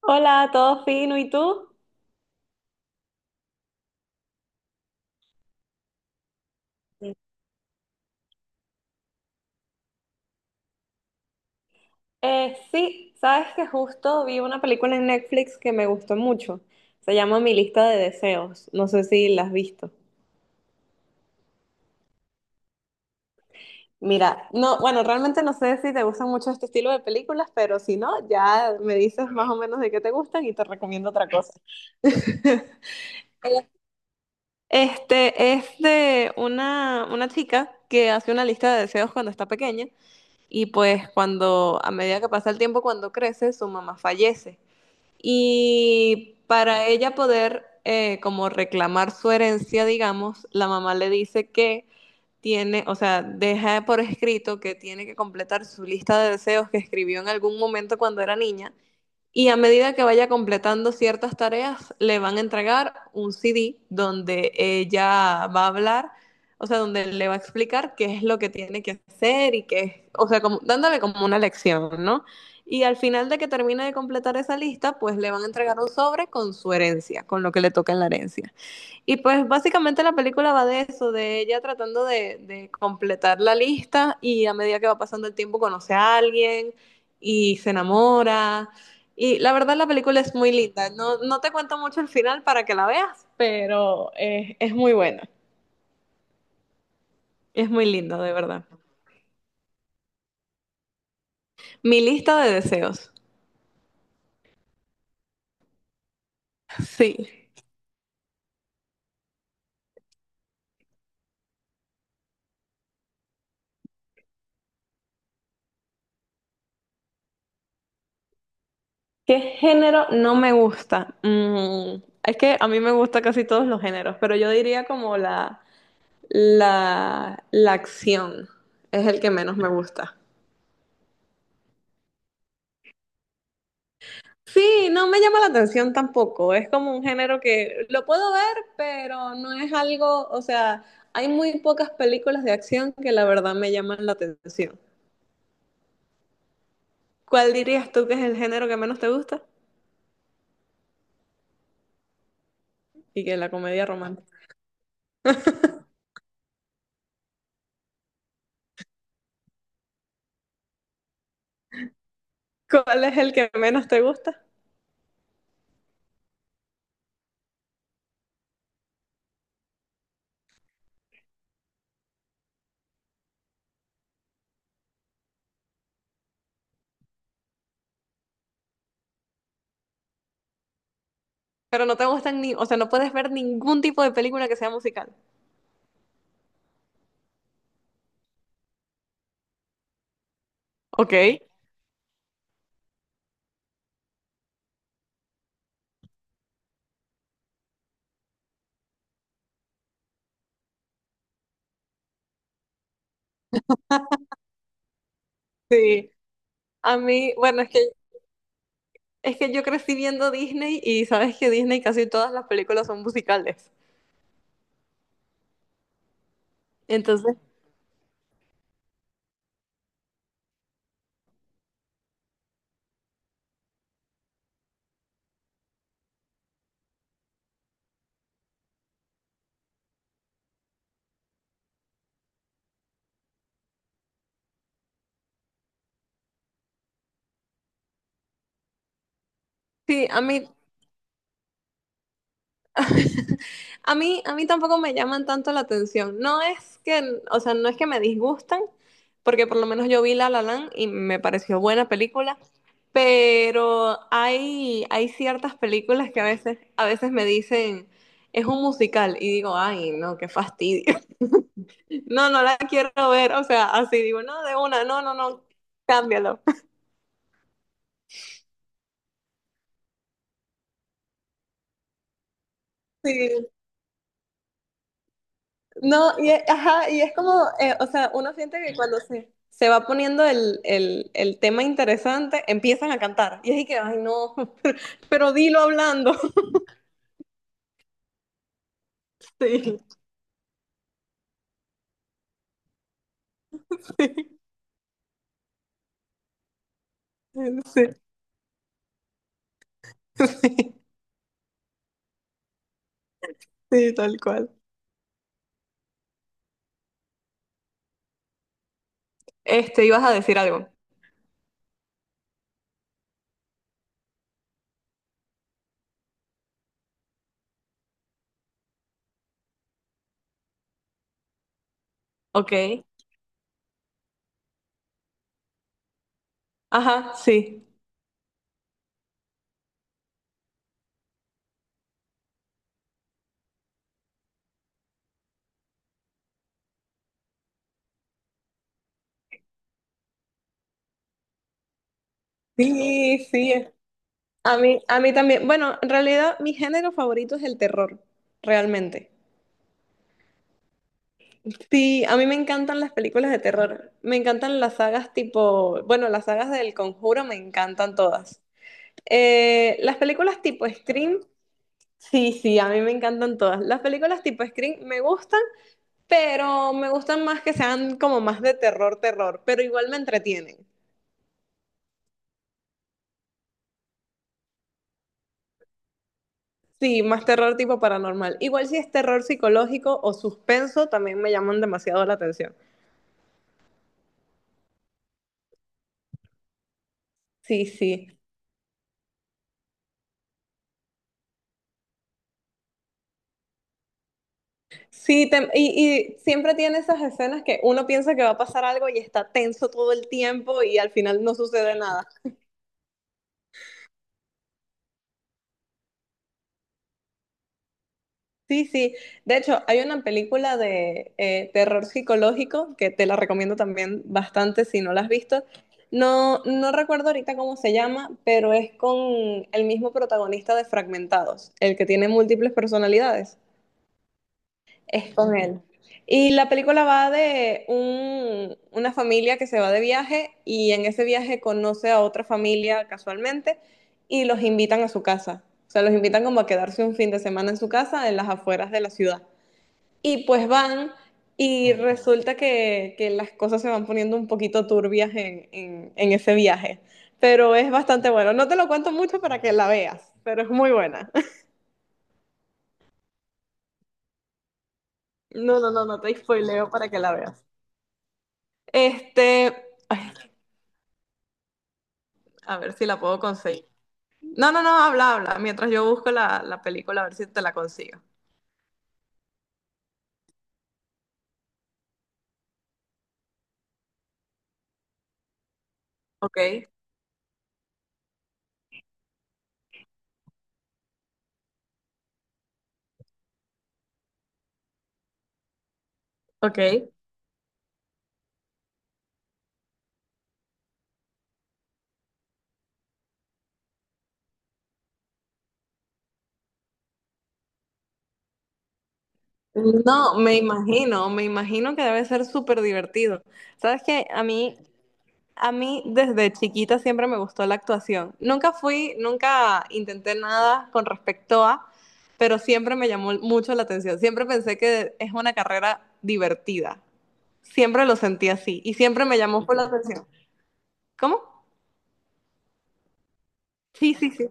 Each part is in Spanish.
Hola, todo fino, ¿y tú? Sí. Sí, sabes que justo vi una película en Netflix que me gustó mucho. Se llama Mi lista de deseos. No sé si la has visto. Mira, no, bueno, realmente no sé si te gustan mucho este estilo de películas, pero si no, ya me dices más o menos de qué te gustan y te recomiendo otra cosa. Este es de una chica que hace una lista de deseos cuando está pequeña y pues cuando, a medida que pasa el tiempo, cuando crece, su mamá fallece. Y para ella poder como reclamar su herencia, digamos, la mamá le dice que tiene, o sea, deja por escrito que tiene que completar su lista de deseos que escribió en algún momento cuando era niña y a medida que vaya completando ciertas tareas, le van a entregar un CD donde ella va a hablar, o sea, donde le va a explicar qué es lo que tiene que hacer y qué, o sea, como, dándole como una lección, ¿no? Y al final de que termine de completar esa lista, pues le van a entregar un sobre con su herencia, con lo que le toca en la herencia. Y pues básicamente la película va de eso, de ella tratando de completar la lista y a medida que va pasando el tiempo conoce a alguien y se enamora. Y la verdad la película es muy linda. No te cuento mucho el final para que la veas, pero es muy buena. Es muy linda, de verdad. Mi lista de deseos. Sí. ¿Qué género no me gusta? Es que a mí me gusta casi todos los géneros, pero yo diría como la la acción es el que menos me gusta. Sí, no me llama la atención tampoco. Es como un género que lo puedo ver, pero no es algo, o sea, hay muy pocas películas de acción que la verdad me llaman la atención. ¿Cuál dirías tú que es el género que menos te gusta? Y que la comedia romántica. ¿Cuál es el que menos te gusta? Pero no te gustan ni, o sea, no puedes ver ningún tipo de película que sea musical. Ok. Sí, a mí, bueno, es que yo crecí viendo Disney y sabes que Disney casi todas las películas son musicales. Entonces, sí, a mí, a mí tampoco me llaman tanto la atención. No es que, o sea, no es que me disgustan, porque por lo menos yo vi La La Land y me pareció buena película, pero hay ciertas películas que a veces me dicen, es un musical, y digo, ay, no, qué fastidio. No, no la quiero ver, o sea, así digo, no, de una, no, no, no, cámbialo. Sí, No, y, es- ajá, y es como, o sea, uno siente que cuando se va poniendo el tema interesante, empiezan a cantar. Y es y que, ay, no, pero pero dilo hablando. Sí, sí, sí, sí, sí, tal cual. Este, ibas a decir algo. Ok. Ajá, sí. Sí, sí. A mí también. Bueno, en realidad, mi género favorito es el terror, realmente. Sí, a mí me encantan las películas de terror. Me encantan las sagas tipo, bueno, las sagas del Conjuro me encantan todas. Las películas tipo Scream, sí, sí, a mí me encantan todas. Las películas tipo Scream me gustan, pero me gustan más que sean como más de terror, terror, pero igual me entretienen. Sí, más terror tipo paranormal. Igual si es terror psicológico o suspenso, también me llaman demasiado la atención. Sí, sí. Y siempre tiene esas escenas que uno piensa que va a pasar algo y está tenso todo el tiempo y al final no sucede nada. Sí, sí. De hecho, hay una película de terror psicológico que te la recomiendo también bastante si no la has visto. No, no recuerdo ahorita cómo se llama, pero es con el mismo protagonista de Fragmentados, el que tiene múltiples personalidades. Es con él. Y la película va de una familia que se va de viaje y en ese viaje conoce a otra familia casualmente y los invitan a su casa. O sea, los invitan como a quedarse un fin de semana en su casa en las afueras de la ciudad. Y pues van y resulta que las cosas se van poniendo un poquito turbias en ese viaje. Pero es bastante bueno. No te lo cuento mucho para que la veas, pero es muy buena. No, no, no, no te spoileo para que la veas. Este, ay, A ver si la puedo conseguir. No, no, no, habla, habla. Mientras yo busco la película, a ver si te la consigo. Ok, ok. No, me imagino que debe ser súper divertido. Sabes que a mí desde chiquita siempre me gustó la actuación. Nunca fui, nunca intenté nada con respecto a, pero siempre me llamó mucho la atención. Siempre pensé que es una carrera divertida. Siempre lo sentí así y siempre me llamó por la atención. ¿Cómo? Sí, sí, sí.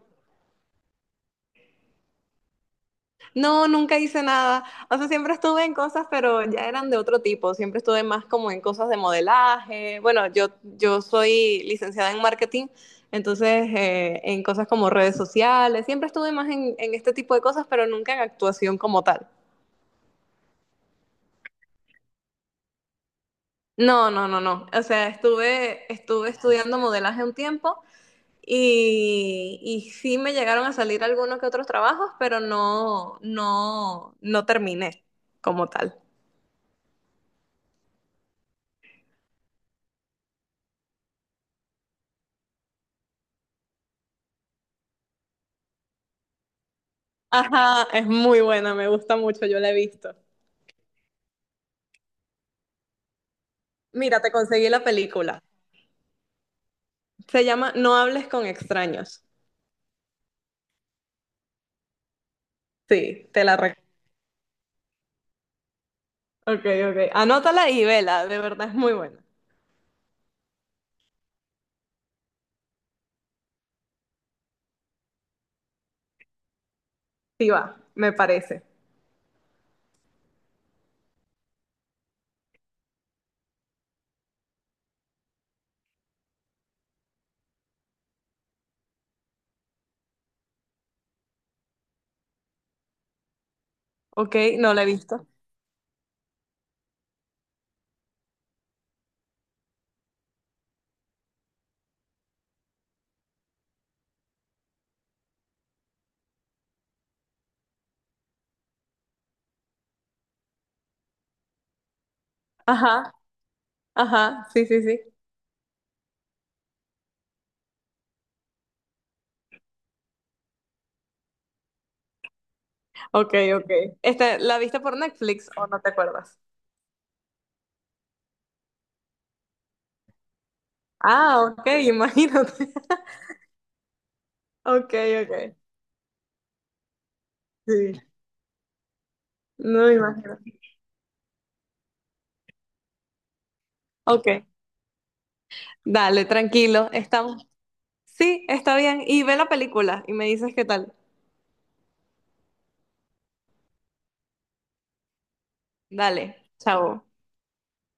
No, nunca hice nada. O sea, siempre estuve en cosas, pero ya eran de otro tipo. Siempre estuve más como en cosas de modelaje. Bueno, yo soy licenciada en marketing, entonces en cosas como redes sociales. Siempre estuve más en este tipo de cosas, pero nunca en actuación como tal. No, no, no, no. O sea, estuve estudiando modelaje un tiempo y sí me llegaron a salir algunos que otros trabajos, pero no, no, no terminé como tal. Ajá, es muy buena, me gusta mucho, yo la he visto. Mira, te conseguí la película. Se llama No hables con extraños. Sí, te la recomiendo. Ok, ok. Anótala y vela, de verdad es muy buena. Sí va, me parece. Ok, no la he visto. Ajá, ajá, sí, sí, sí. Ok, ok. Este, ¿la viste por Netflix o no te acuerdas? Ah, ok, imagínate. Ok, ok. Sí, no me imagino. Ok, dale, tranquilo, estamos. Sí, está bien. Y ve la película y me dices qué tal. Dale, chao.